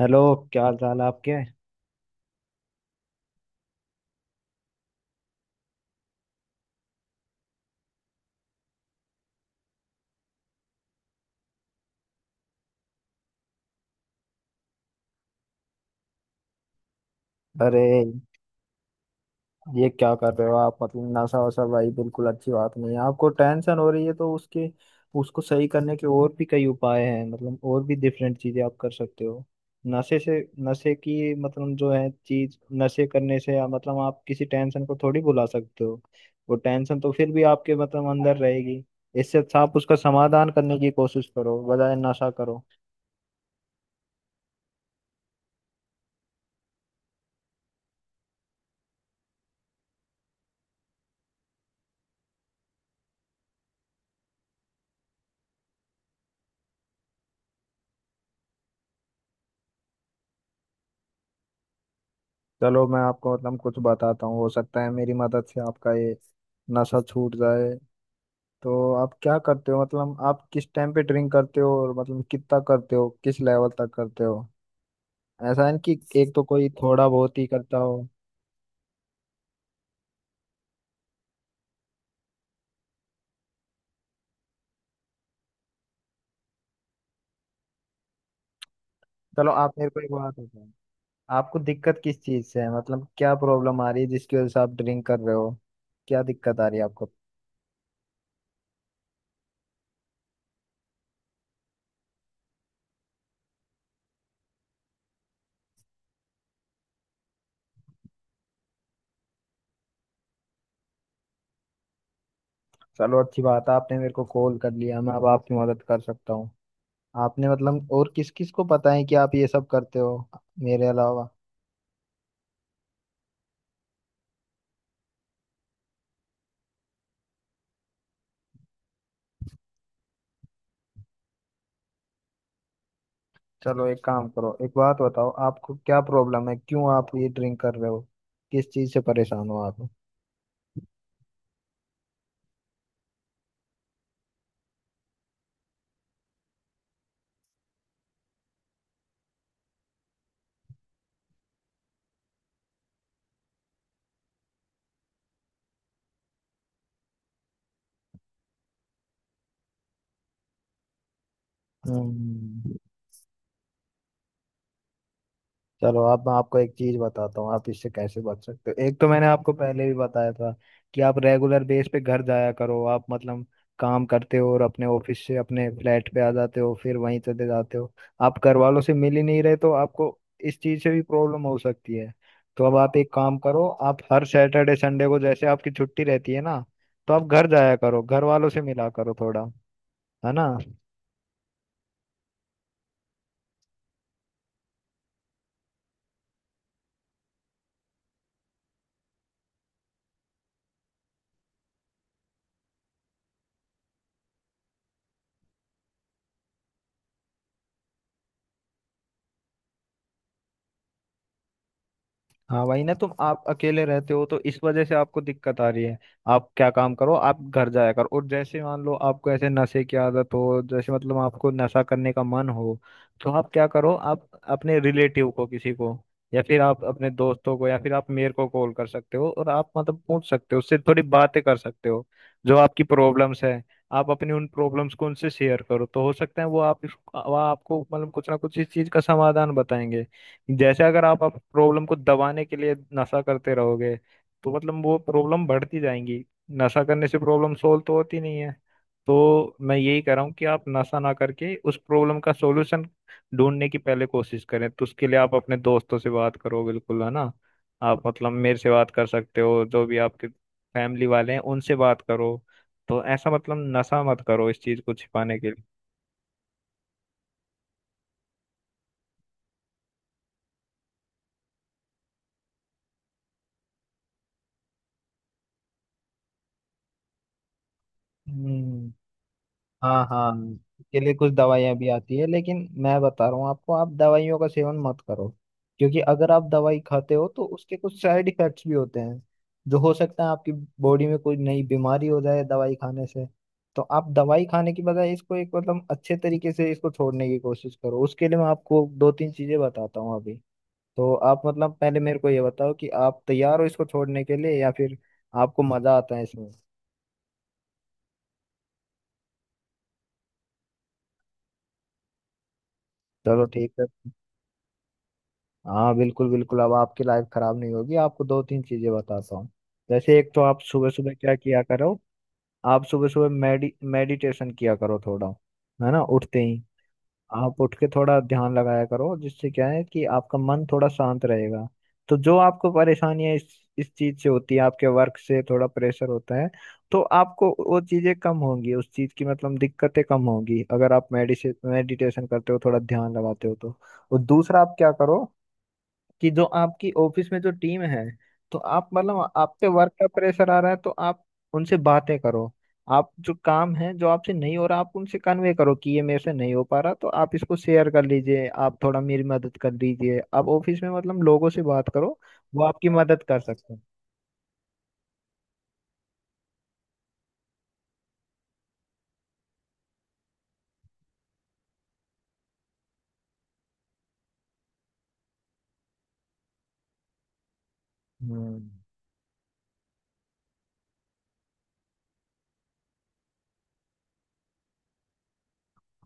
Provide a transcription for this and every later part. Hello. क्या हाल चाल है आपके। अरे ये क्या कर रहे हो आप मतलब नशा वशा भाई बिल्कुल अच्छी बात नहीं है। आपको टेंशन हो रही है तो उसके उसको सही करने के और भी कई उपाय हैं। मतलब और भी डिफरेंट चीजें आप कर सकते हो नशे से। नशे की मतलब जो है चीज नशे करने से या मतलब आप किसी टेंशन को थोड़ी भुला सकते हो। वो टेंशन तो फिर भी आपके मतलब अंदर रहेगी। इससे अच्छा आप उसका समाधान करने की कोशिश करो बजाय नशा करो। चलो मैं आपको मतलब कुछ बताता हूँ। हो सकता है मेरी मदद से आपका ये नशा छूट जाए। तो आप क्या करते हो, मतलब आप किस टाइम पे ड्रिंक करते हो और मतलब कितना करते हो, किस लेवल तक करते हो। ऐसा है ना कि एक तो कोई थोड़ा बहुत ही करता हो। चलो आप मेरे को एक बात बताओ, आपको दिक्कत किस चीज़ से है। मतलब क्या प्रॉब्लम आ रही है जिसकी वजह से आप ड्रिंक कर रहे हो। क्या दिक्कत आ रही है आपको। चलो अच्छी बात है आपने मेरे को कॉल कर लिया, मैं अब आपकी मदद कर सकता हूँ। आपने मतलब और किस किस को पता है कि आप ये सब करते हो मेरे अलावा। चलो एक काम करो, एक बात बताओ आपको क्या प्रॉब्लम है, क्यों आप ये ड्रिंक कर रहे हो, किस चीज से परेशान हो आप। हम्म। चलो अब मैं आपको एक चीज बताता हूँ आप इससे कैसे बच सकते हो। एक तो मैंने आपको पहले भी बताया था कि आप रेगुलर बेस पे घर जाया करो। आप मतलब काम करते हो और अपने ऑफिस से अपने फ्लैट पे आ जाते हो, फिर वहीं चले जाते हो। आप घर वालों से मिल ही नहीं रहे तो आपको इस चीज से भी प्रॉब्लम हो सकती है। तो अब आप एक काम करो, आप हर सैटरडे संडे को, जैसे आपकी छुट्टी रहती है ना, तो आप घर जाया करो, घर वालों से मिला करो थोड़ा, है ना। हाँ वही ना, तुम आप अकेले रहते हो तो इस वजह से आपको दिक्कत आ रही है। आप क्या काम करो, आप घर जाया करो, और जैसे मान लो आपको ऐसे नशे की आदत हो, जैसे मतलब आपको नशा करने का मन हो, तो आप क्या करो, आप अपने रिलेटिव को किसी को, या फिर आप अपने दोस्तों को या फिर आप मेरे को कॉल कर सकते हो, और आप मतलब पूछ सकते हो, उससे थोड़ी बातें कर सकते हो जो आपकी प्रॉब्लम्स है। आप अपनी उन प्रॉब्लम्स को उनसे शेयर करो तो हो सकता है वो आप वो आपको मतलब कुछ ना कुछ इस चीज का समाधान बताएंगे। जैसे अगर आप प्रॉब्लम को दबाने के लिए नशा करते रहोगे तो मतलब वो प्रॉब्लम बढ़ती जाएंगी। नशा करने से प्रॉब्लम सोल्व तो होती नहीं है। तो मैं यही कह रहा हूँ कि आप नशा ना करके उस प्रॉब्लम का सॉल्यूशन ढूंढने की पहले कोशिश करें। तो उसके लिए आप अपने दोस्तों से बात करो, बिल्कुल है ना। आप मतलब मेरे से बात कर सकते हो, जो भी आपके फैमिली वाले हैं उनसे बात करो। तो ऐसा मतलब नशा मत करो इस चीज को छिपाने के लिए। हम्म। हाँ हाँ, इसके लिए कुछ दवाइयाँ भी आती है, लेकिन मैं बता रहा हूँ आपको, आप दवाइयों का सेवन मत करो, क्योंकि अगर आप दवाई खाते हो तो उसके कुछ साइड इफेक्ट्स भी होते हैं जो हो सकता है आपकी बॉडी में कोई नई बीमारी हो जाए दवाई खाने से। तो आप दवाई खाने की बजाय इसको एक मतलब अच्छे तरीके से इसको छोड़ने की कोशिश करो। उसके लिए मैं आपको दो तीन चीज़ें बताता हूँ अभी। तो आप मतलब पहले मेरे को ये बताओ कि आप तैयार हो इसको छोड़ने के लिए या फिर आपको मज़ा आता है इसमें। चलो ठीक है। हाँ बिल्कुल बिल्कुल, अब आपकी लाइफ खराब नहीं होगी, आपको दो तीन चीजें बताता हूँ। जैसे एक तो आप सुबह सुबह क्या किया करो, आप सुबह सुबह मेडिटेशन किया करो थोड़ा, है ना, उठते ही। आप उठ के थोड़ा ध्यान लगाया करो, जिससे क्या है कि आपका मन थोड़ा शांत रहेगा। तो जो आपको परेशानियां इस चीज से होती है, आपके वर्क से थोड़ा प्रेशर होता है, तो आपको वो चीजें कम होंगी, उस चीज की मतलब दिक्कतें कम होंगी अगर आप मेडिसे मेडिटेशन करते हो, थोड़ा ध्यान लगाते हो तो। और दूसरा आप क्या करो, कि जो आपकी ऑफिस में जो टीम है, तो आप मतलब आप पे वर्क का प्रेशर आ रहा है तो आप उनसे बातें करो। आप जो काम है जो आपसे नहीं हो रहा, आप उनसे कन्वे करो कि ये मेरे से नहीं हो पा रहा तो आप इसको शेयर कर लीजिए, आप थोड़ा मेरी मदद कर दीजिए। आप ऑफिस में मतलब लोगों से बात करो, वो आपकी मदद कर सकते हैं। हम्म।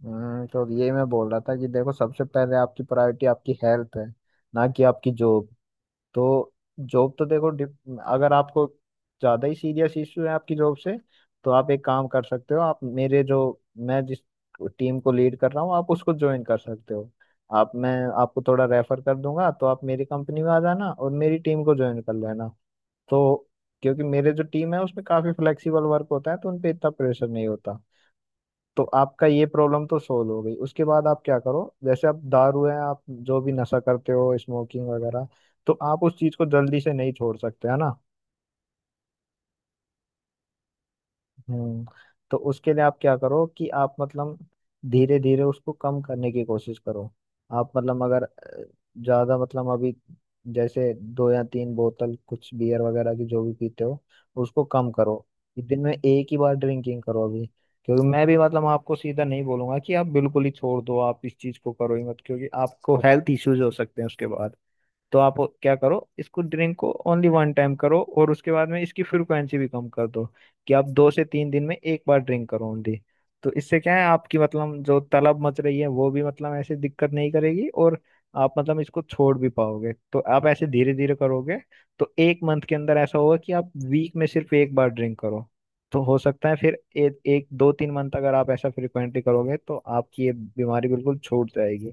तो ये मैं बोल रहा था कि देखो, सबसे पहले आपकी प्रायोरिटी आपकी हेल्थ है, ना कि आपकी जॉब। तो जॉब तो देखो, अगर आपको ज़्यादा ही सीरियस इशू है आपकी जॉब से, तो आप एक काम कर सकते हो, आप मेरे जो मैं जिस टीम को लीड कर रहा हूँ आप उसको ज्वाइन कर सकते हो। आप मैं आपको थोड़ा रेफर कर दूंगा तो आप मेरी कंपनी में आ जाना और मेरी टीम को ज्वाइन कर लेना। तो क्योंकि मेरे जो टीम है उसमें काफ़ी फ्लेक्सिबल वर्क होता है तो उन पे इतना प्रेशर नहीं होता। तो आपका ये प्रॉब्लम तो सोल्व हो गई, उसके बाद आप क्या करो, जैसे आप दारू है, आप जो भी नशा करते हो स्मोकिंग वगैरह, तो आप उस चीज को जल्दी से नहीं छोड़ सकते, है ना। हम्म। तो उसके लिए आप क्या करो कि आप मतलब धीरे धीरे उसको कम करने की कोशिश करो। आप मतलब अगर ज्यादा मतलब अभी जैसे दो या तीन बोतल कुछ बियर वगैरह की जो भी पीते हो, उसको कम करो। इस दिन में एक ही बार ड्रिंकिंग करो अभी। क्योंकि मैं भी मतलब आपको सीधा नहीं बोलूंगा कि आप बिल्कुल ही छोड़ दो, आप इस चीज को करो ही मत, क्योंकि आपको हेल्थ इश्यूज हो सकते हैं उसके बाद। तो आप क्या करो, इसको ड्रिंक को ओनली वन टाइम करो और उसके बाद में इसकी फ्रिक्वेंसी भी कम कर दो, कि आप दो से तीन दिन में एक बार ड्रिंक करो ओनली। तो इससे क्या है आपकी मतलब जो तलब मच रही है वो भी मतलब ऐसे दिक्कत नहीं करेगी, और आप मतलब इसको छोड़ भी पाओगे तो आप ऐसे धीरे धीरे करोगे। तो एक मंथ के अंदर ऐसा होगा कि आप वीक में सिर्फ एक बार ड्रिंक करो। तो हो सकता है फिर एक दो तीन मंथ अगर आप ऐसा फ्रिक्वेंटली करोगे तो आपकी ये बीमारी बिल्कुल छूट जाएगी।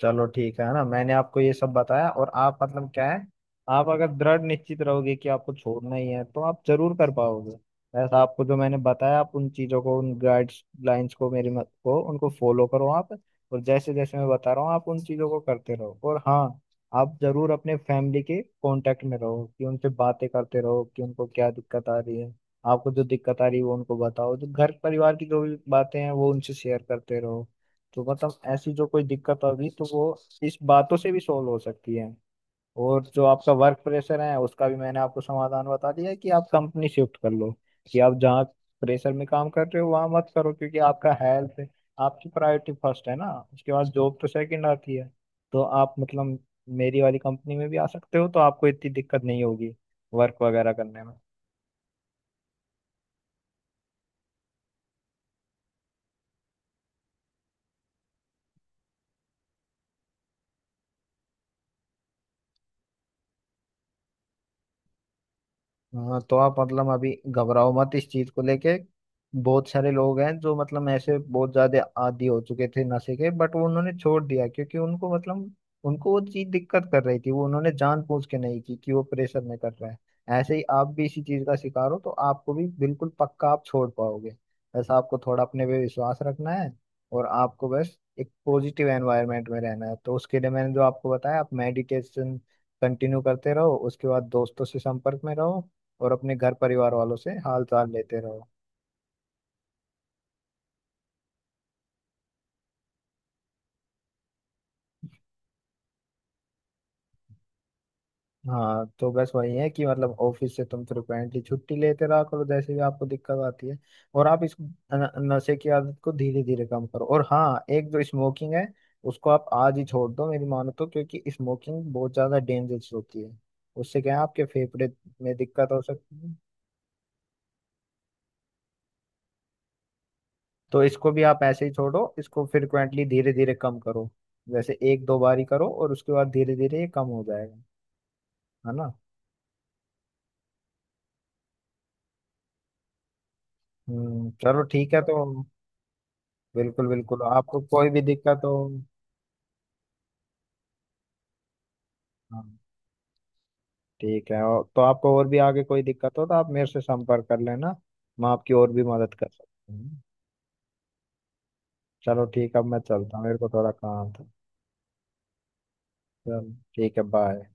चलो ठीक है ना, मैंने आपको ये सब बताया, और आप मतलब क्या है, आप अगर दृढ़ निश्चित रहोगे कि आपको छोड़ना ही है तो आप जरूर कर पाओगे। ऐसा आपको जो मैंने बताया आप उन चीजों को, उन गाइडलाइंस को, मेरी मत को उनको फॉलो करो आप। और जैसे जैसे मैं बता रहा हूँ आप उन चीजों को करते रहो। और हाँ, आप जरूर अपने फैमिली के कांटेक्ट में रहो, कि उनसे बातें करते रहो, कि उनको क्या दिक्कत आ रही है, आपको जो दिक्कत आ रही है वो उनको बताओ। जो घर परिवार की जो भी बातें हैं वो उनसे शेयर करते रहो। तो मतलब ऐसी जो कोई दिक्कत होगी तो वो इस बातों से भी सॉल्व हो सकती है। और जो आपका वर्क प्रेशर है उसका भी मैंने आपको समाधान बता दिया है, कि आप कंपनी शिफ्ट कर लो, कि आप जहाँ प्रेशर में काम कर रहे हो वहां मत करो, क्योंकि आपका हेल्थ, आपकी प्रायोरिटी फर्स्ट है ना, उसके बाद जॉब तो सेकंड आती है। तो आप मतलब मेरी वाली कंपनी में भी आ सकते हो तो आपको इतनी दिक्कत नहीं होगी वर्क वगैरह करने में। हाँ तो आप मतलब अभी घबराओ मत इस चीज को लेके। बहुत सारे लोग हैं जो मतलब ऐसे बहुत ज्यादा आदी हो चुके थे नशे के, बट वो उन्होंने छोड़ दिया, क्योंकि उनको मतलब उनको वो चीज दिक्कत कर रही थी, वो उन्होंने जानबूझ के नहीं की, कि वो प्रेशर में कर रहा है। ऐसे ही आप भी इसी चीज का शिकार हो, तो आपको भी बिल्कुल पक्का आप छोड़ पाओगे। बस आपको थोड़ा अपने पे विश्वास रखना है। और आपको बस एक पॉजिटिव एनवायरनमेंट में रहना है। तो उसके लिए मैंने जो आपको बताया, आप मेडिटेशन कंटिन्यू करते रहो, उसके बाद दोस्तों से संपर्क में रहो, और अपने घर परिवार वालों से हाल चाल लेते रहो। हाँ तो बस वही है कि मतलब ऑफिस से तुम फ्रिक्वेंटली छुट्टी लेते रहा करो, जैसे भी आपको दिक्कत आती है, और आप इस नशे की आदत को धीरे धीरे कम करो। और हाँ एक जो स्मोकिंग है, उसको आप आज ही छोड़ दो मेरी मानो तो, क्योंकि स्मोकिंग बहुत ज्यादा डेंजरस होती है, उससे क्या है आपके फेफड़े में दिक्कत हो सकती है। तो इसको भी आप ऐसे ही छोड़ो, इसको फ्रिक्वेंटली धीरे धीरे कम करो, जैसे एक दो बार ही करो और उसके बाद धीरे धीरे ये कम हो जाएगा, है ना। चलो ठीक है तो। बिल्कुल बिल्कुल, आपको कोई भी दिक्कत हो, हाँ ठीक है, और तो आपको और भी आगे कोई दिक्कत हो तो आप मेरे से संपर्क कर लेना, मैं आपकी और भी मदद कर सकता हूँ। चलो ठीक है अब मैं चलता हूँ, मेरे को थोड़ा काम था। चलो ठीक है बाय।